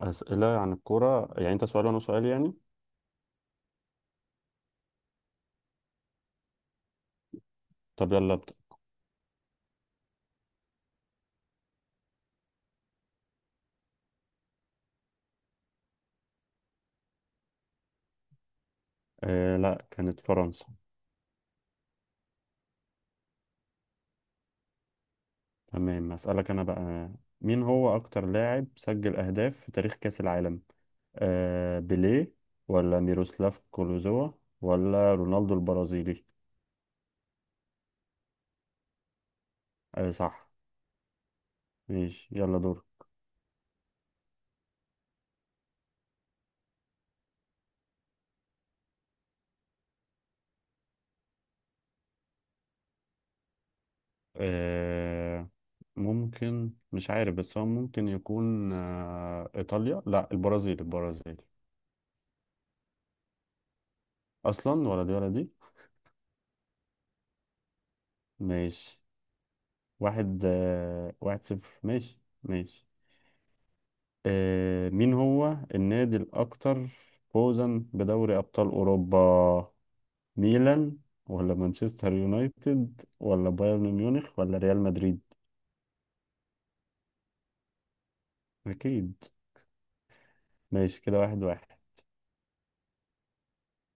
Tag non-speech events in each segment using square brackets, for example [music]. أسئلة عن الكورة، يعني أنت سؤال وأنا سؤال يعني. طب يلا أبدأ. آه لا، كانت فرنسا. تمام، أسألك أنا بقى. مين هو أكتر لاعب سجل أهداف في تاريخ كأس العالم، بيليه ولا ميروسلاف كلوزوا ولا رونالدو البرازيلي؟ آه صح. ماشي يلا دور. آه ممكن، مش عارف، بس هو ممكن يكون إيطاليا، لا البرازيل، البرازيل. أصلا ولا دي ولا دي. ماشي. واحد آه، واحد صفر. ماشي ماشي. آه، مين هو النادي الأكثر فوزا بدوري أبطال أوروبا؟ ميلان ولا مانشستر يونايتد ولا بايرن ميونخ ولا ريال مدريد؟ أكيد. ماشي كده واحد واحد.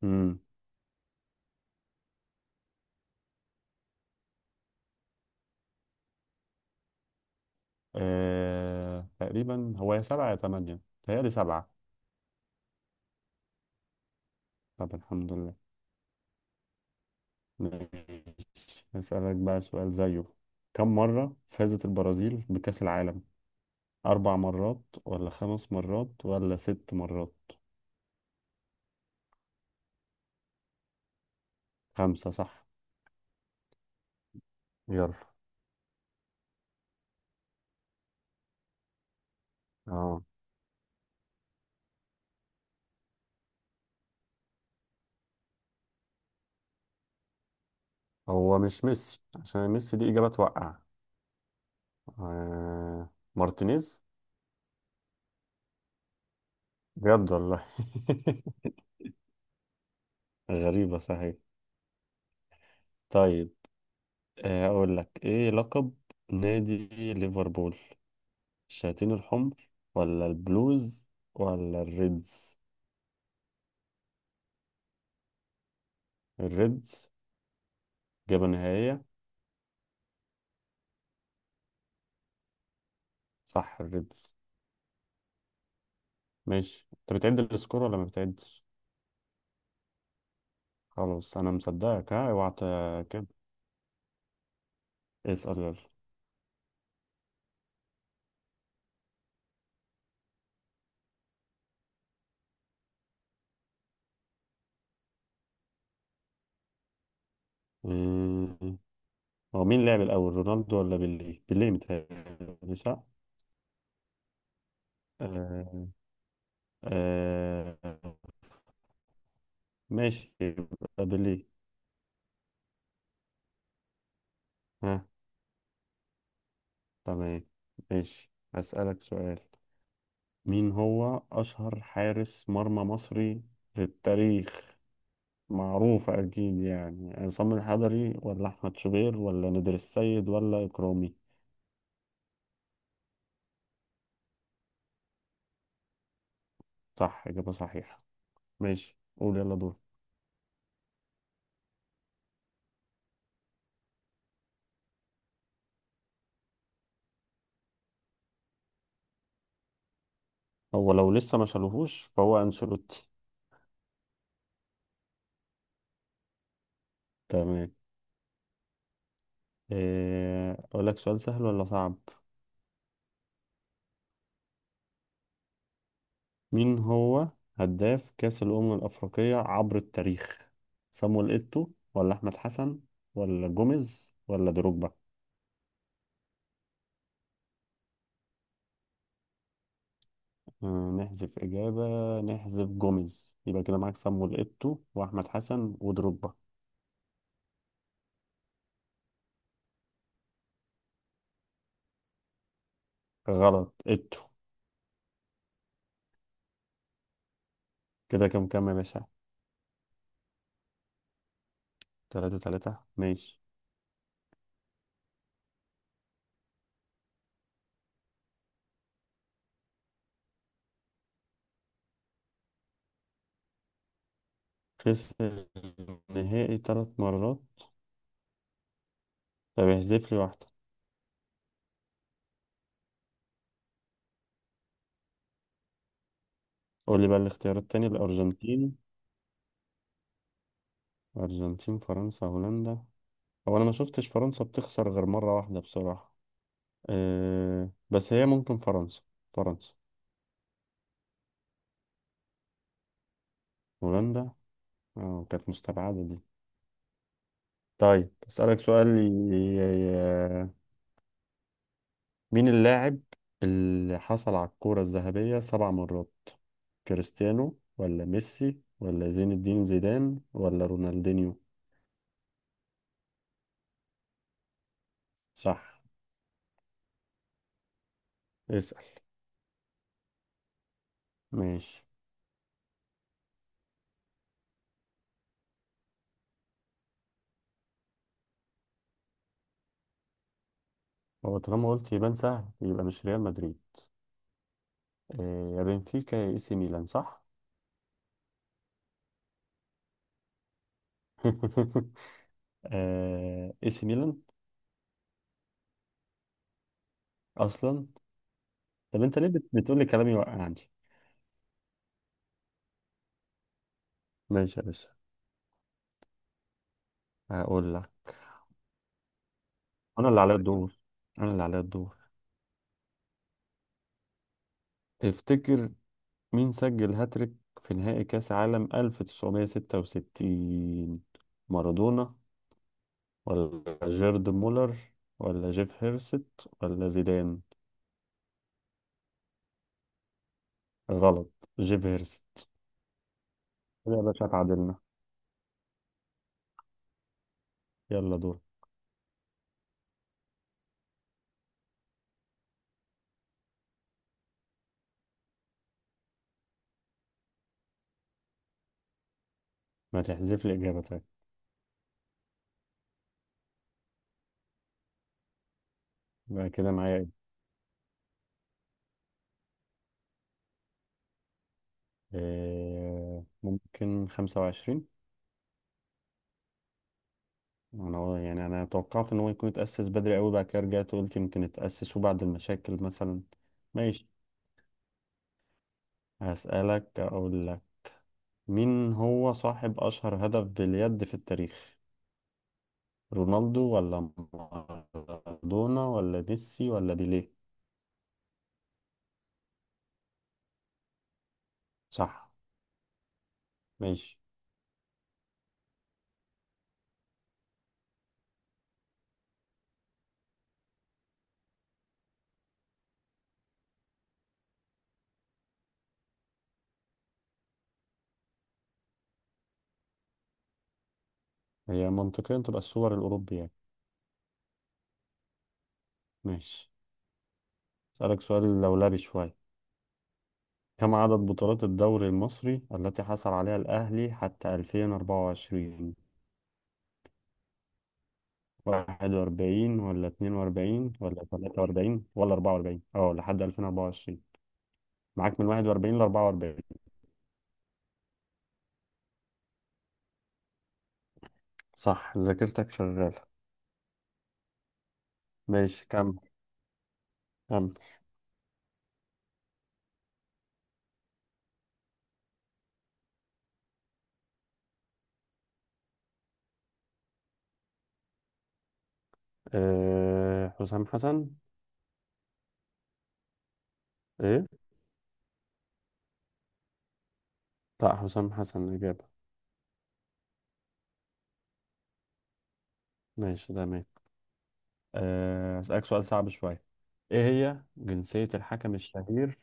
مم. آه، تقريبا هو يا سبعة يا تمانية، تهيألي سبعة. طب الحمد لله. ماشي، هسألك بقى سؤال زيه. كم مرة فازت البرازيل بكأس العالم؟ أربع مرات ولا خمس مرات ولا ست مرات؟ خمسة صح. يلا. اه، هو مش ميسي، عشان ميسي دي إجابة توقع. آه. مارتينيز. بجد والله. [laughs] غريبة صحيح. طيب آه، أقول لك إيه لقب نادي ليفربول؟ الشياطين الحمر ولا البلوز ولا الريدز؟ الريدز. إجابة نهائية. صح الريدز. ماشي، أنت بتعد السكور ولا ما بتعدش؟ خلاص انا مصدقك، ها اوعى كده. اسأل يلا. مم. هو مين لعب الاول، رونالدو ولا بيليه؟ بيليه متهيألي صح. آه. آه. ماشي يبقى بيليه. ها. تمام. ماشي، اسألك سؤال. مين هو اشهر حارس مرمى مصري في التاريخ؟ معروف اكيد يعني، عصام الحضري ولا احمد شوبير ولا نادر السيد ولا اكرامي؟ صح، اجابة صحيحة. ماشي، قول يلا دور. هو لو لسه ما شالوهوش فهو أنشيلوتي. تمام. إيه، أقول لك سؤال سهل ولا صعب؟ مين هو هداف كأس الأمم الأفريقية عبر التاريخ؟ صامويل إيتو ولا أحمد حسن ولا جوميز ولا دروجبا؟ آه، نحذف إجابة. نحذف جوميز، يبقى كده معاك صامويل إيتو وأحمد حسن ودروجبا. غلط، إيتو. كده كام كام يا باشا؟ تلاتة تلاتة ماشي. خسر النهائي تلات مرات. طب احذف لي واحدة. قول لي بقى الاختيار التاني، الأرجنتين، أرجنتين فرنسا هولندا. هو أنا ما شفتش فرنسا بتخسر غير مرة واحدة بصراحة. أه، بس هي ممكن فرنسا. فرنسا. هولندا. اه كانت مستبعدة دي. طيب أسألك سؤال ي- مين اللاعب اللي حصل على الكرة الذهبية 7 مرات؟ كريستيانو ولا ميسي ولا زين الدين زيدان ولا رونالدينيو؟ صح. اسأل. ماشي. هو طالما قلت يبان سهل يبقى مش ريال مدريد. آه، يا بنفيكا يا اي سي ميلان، صح؟ [laughs] آه، اي سي ميلان. اصلا. طب انت ليه بتقول لي كلامي واقع عندي؟ ماشي يا باشا. هقول لك. انا اللي عليا الدور، انا اللي عليا الدور. تفتكر مين سجل هاتريك في نهائي كاس عالم 1966؟ مارادونا ولا جيرد مولر ولا جيف هيرست ولا زيدان؟ غلط، جيف هيرست. كده يا باشا اتعادلنا. يلا دور. ما تحذف لي اجابه طيب. يبقى كده معايا. آه، ممكن 25. أنا يعني أنا توقعت إن هو يكون اتأسس بدري أوي، بعد كده رجعت وقلت يمكن اتأسسوا بعد المشاكل مثلا. ماشي. هسألك، أقول لك، مين هو صاحب أشهر هدف باليد في التاريخ؟ رونالدو ولا مارادونا ولا ميسي ولا بيليه؟ صح. ماشي. هي منطقيا تبقى السوبر الأوروبي يعني. ماشي. أسألك سؤال لولبي شوية. كم عدد بطولات الدوري المصري التي حصل عليها الأهلي حتى 2024؟ 41 ولا 42 ولا 43 ولا 44؟ اه لحد 2024. معاك من 41 ل 44. صح، ذاكرتك شغالة. ماشي كم. كم. أه حسام حسن. ايه. لا حسام حسن الإجابة. ماشي تمام. أه، أسألك سؤال صعب شوية. ايه هي جنسية الحكم الشهير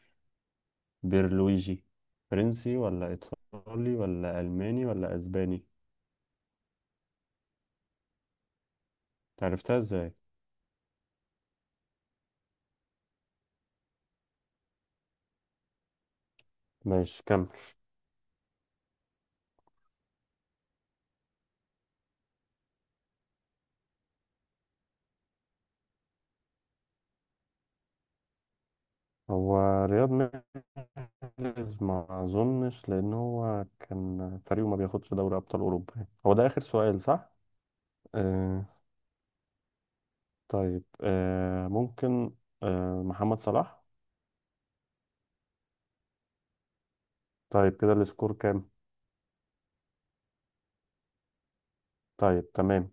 بيرلويجي؟ فرنسي ولا ايطالي ولا الماني ولا اسباني؟ عرفتها ازاي؟ ماشي كمل. هو رياض محرز ما اظنش، لان هو كان فريقه ما بياخدش دوري ابطال اوروبا يعني. هو ده اخر سؤال صح؟ آه. طيب آه ممكن. آه محمد صلاح. طيب كده السكور كام؟ طيب تمام.